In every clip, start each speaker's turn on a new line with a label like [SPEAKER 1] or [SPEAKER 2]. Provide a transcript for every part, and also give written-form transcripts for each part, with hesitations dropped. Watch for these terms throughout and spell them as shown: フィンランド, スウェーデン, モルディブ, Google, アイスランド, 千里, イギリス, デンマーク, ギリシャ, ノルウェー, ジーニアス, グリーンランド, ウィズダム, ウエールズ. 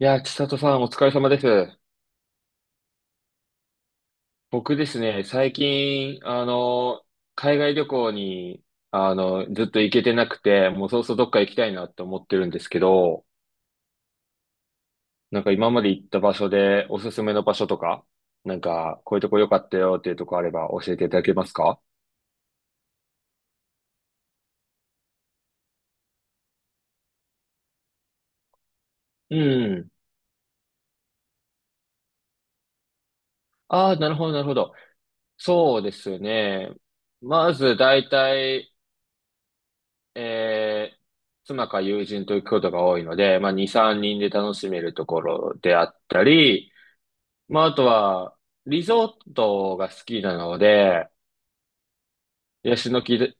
[SPEAKER 1] いやー、千里さんお疲れ様です。僕ですね、最近、海外旅行に、ずっと行けてなくて、もうそろそろどっか行きたいなって思ってるんですけど、なんか今まで行った場所でおすすめの場所とか、なんかこういうとこ良かったよっていうとこあれば教えていただけますか？うん。ああ、なるほど、なるほど。そうですね。まず大体、えー妻か友人と行くことが多いので、まあ、2、3人で楽しめるところであったり、まあ、あとは、リゾートが好きなので、ヤシの木で、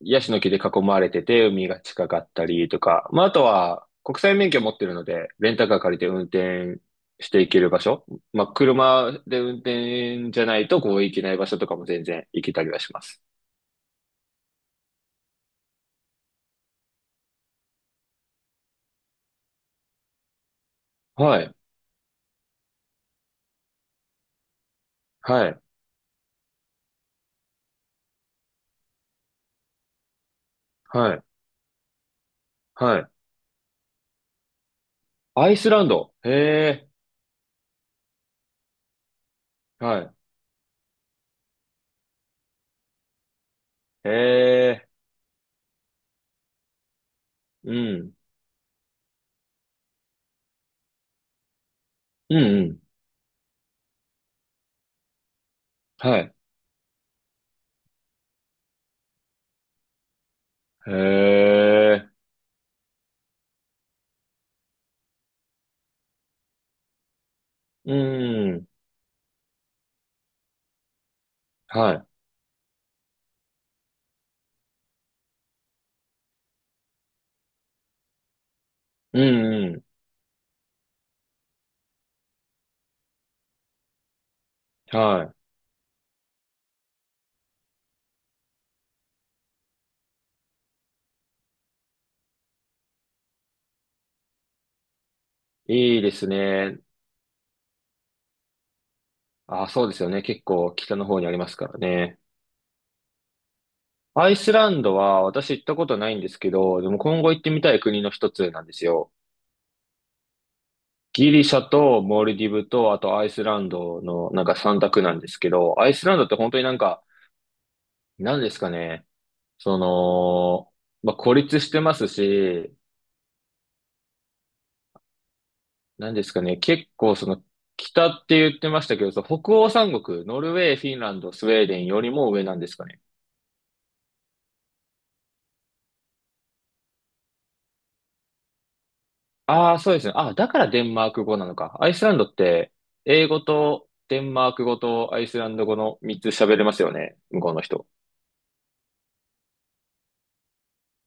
[SPEAKER 1] ヤシの木で囲まれてて、海が近かったりとか、まあ、あとは、国際免許持ってるので、レンタカー借りて運転していける場所、まあ、車で運転じゃないと、こう、行けない場所とかも全然行けたりはします。はい、はい、はい、はい。アイスランド。へえ、はい。へえ、うん、うん、うん、はい。へえ、うん、はい。うん、うん、はい。いいですね。あ、そうですよね。結構北の方にありますからね。アイスランドは私行ったことないんですけど、でも今後行ってみたい国の一つなんですよ。ギリシャとモルディブと、あとアイスランドのなんか三択なんですけど、アイスランドって本当になんか、なんですかね。その、まあ、孤立してますし、なんですかね、結構その北って言ってましたけど、その北欧三国、ノルウェー、フィンランド、スウェーデンよりも上なんですかね。ああ、そうですね。ああ、だからデンマーク語なのか。アイスランドって英語とデンマーク語とアイスランド語の3つ喋れますよね、向こうの人。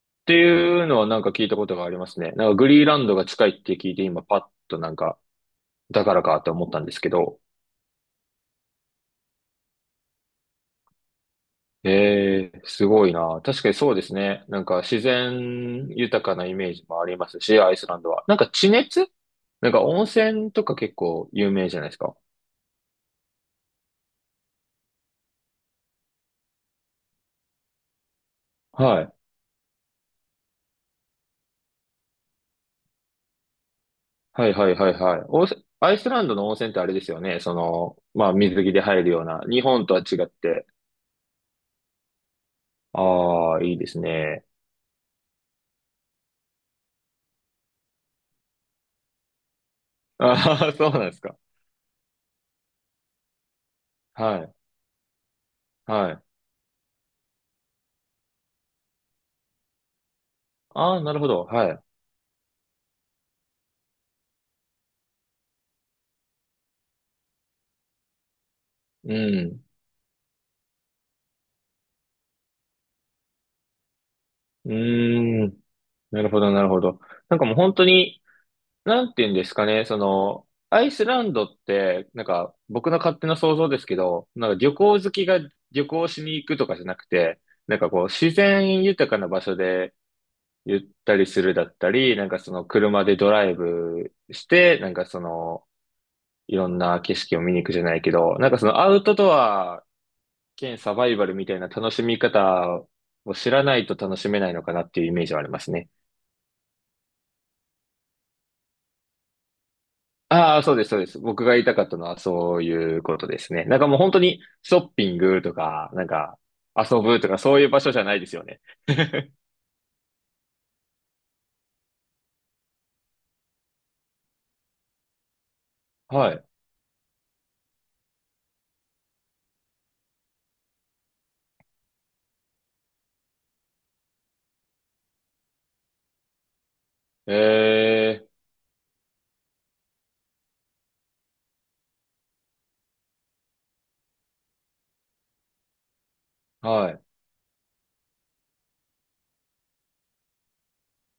[SPEAKER 1] っていうのはなんか聞いたことがありますね。なんかグリーランドが近いって聞いて今パッとなんか、だからかと思ったんですけど、ええ、すごいな。確かにそうですね。なんか自然豊かなイメージもありますし、アイスランドは。なんか地熱なんか温泉とか結構有名じゃないですか。はい。はいはいはいはい。温泉アイスランドの温泉ってあれですよね。その、まあ水着で入るような。日本とは違って。ああ、いいですね。ああ、そうなんですか。はい。はい。ああ、なるほど。はい。うん。うーん。なるほど、なるほど。なんかもう本当に、なんて言うんですかね、その、アイスランドって、なんか、僕の勝手な想像ですけど、なんか旅行好きが旅行しに行くとかじゃなくて、なんかこう、自然豊かな場所でゆったりするだったり、なんかその車でドライブして、なんかその、いろんな景色を見に行くじゃないけど、なんかそのアウトドア兼サバイバルみたいな楽しみ方を知らないと楽しめないのかなっていうイメージはありますね。ああ、そうです、そうです。僕が言いたかったのはそういうことですね。なんかもう本当にショッピングとか、なんか遊ぶとかそういう場所じゃないですよね。はい。ええ、はい、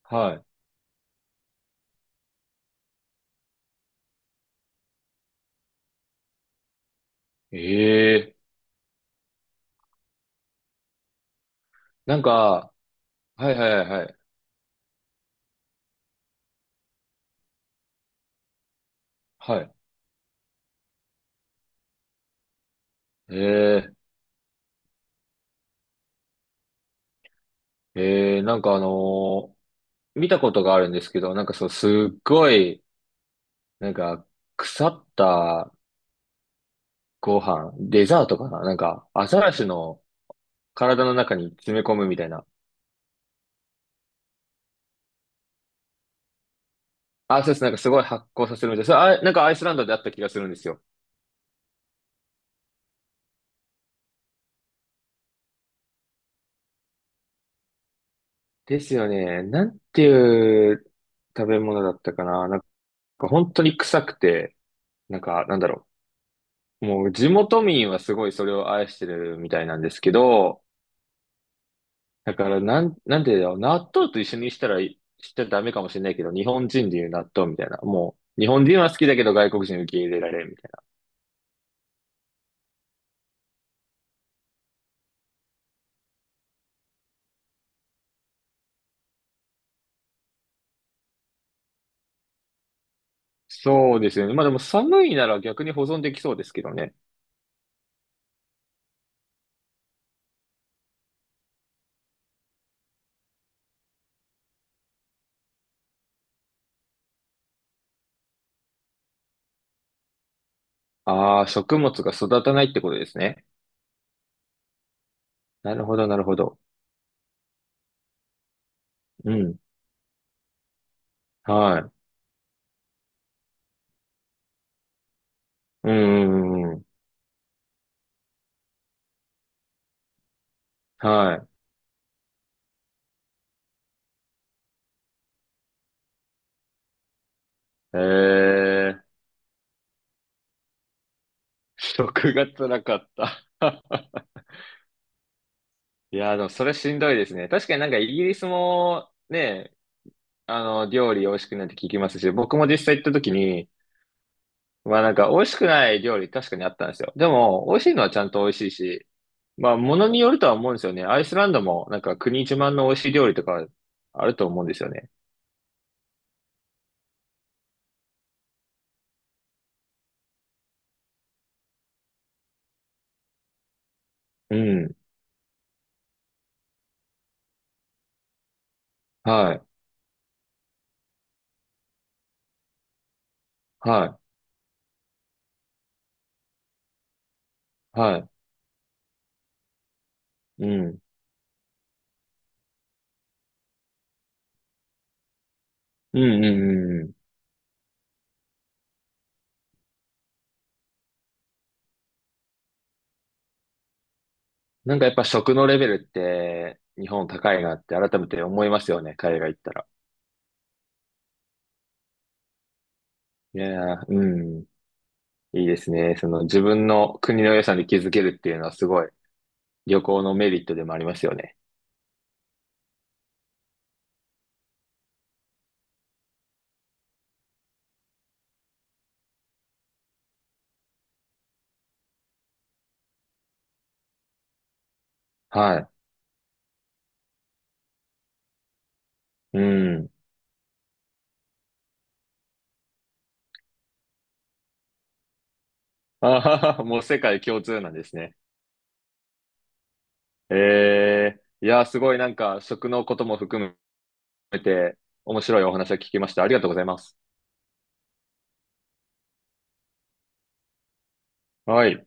[SPEAKER 1] はい。ええ、なんか、はいはいはいはい。はい。ええ、ええ、なんか見たことがあるんですけど、なんかそう、すっごい、なんか、腐ったご飯、デザートかななんか、アザラシの体の中に詰め込むみたいな。あ、そうです。なんかすごい発酵させるみたいです。それあ、なんかアイスランドであった気がするんですよ。ですよね。なんていう食べ物だったかな。なんか本当に臭くて、なんかなんだろう。もう地元民はすごいそれを愛してるみたいなんですけど、だからなん、なんていうんだろう。納豆と一緒にしたらい、しちゃダメかもしれないけど、日本人でいう納豆みたいな。もう、日本人は好きだけど外国人受け入れられんみたいな。そうですよね。まあでも寒いなら逆に保存できそうですけどね。ああ、食物が育たないってことですね。なるほど、なるほど。うん。はい。うんうんうんはい。食が辛かった。いやー、でもそれしんどいですね。確かになんかイギリスもね、料理美味しくないって聞きますし、僕も実際行った時に、まあなんか美味しくない料理確かにあったんですよ。でも、美味しいのはちゃんと美味しいし、まあ物によるとは思うんですよね。アイスランドもなんか国自慢の美味しい料理とかあると思うんですよね。うん。はい。はい。はい。うん。うんうんうんうん。なんかやっぱ食のレベルって日本高いなって改めて思いますよね、海外行ったら。いやー、うん、いいですね。その自分の国の良さに気づけるっていうのはすごい旅行のメリットでもありますよね。はい。うん。あはは、もう世界共通なんですね。えいやー、すごいなんか食のことも含めて面白いお話を聞きました。ありがとうございます。はい。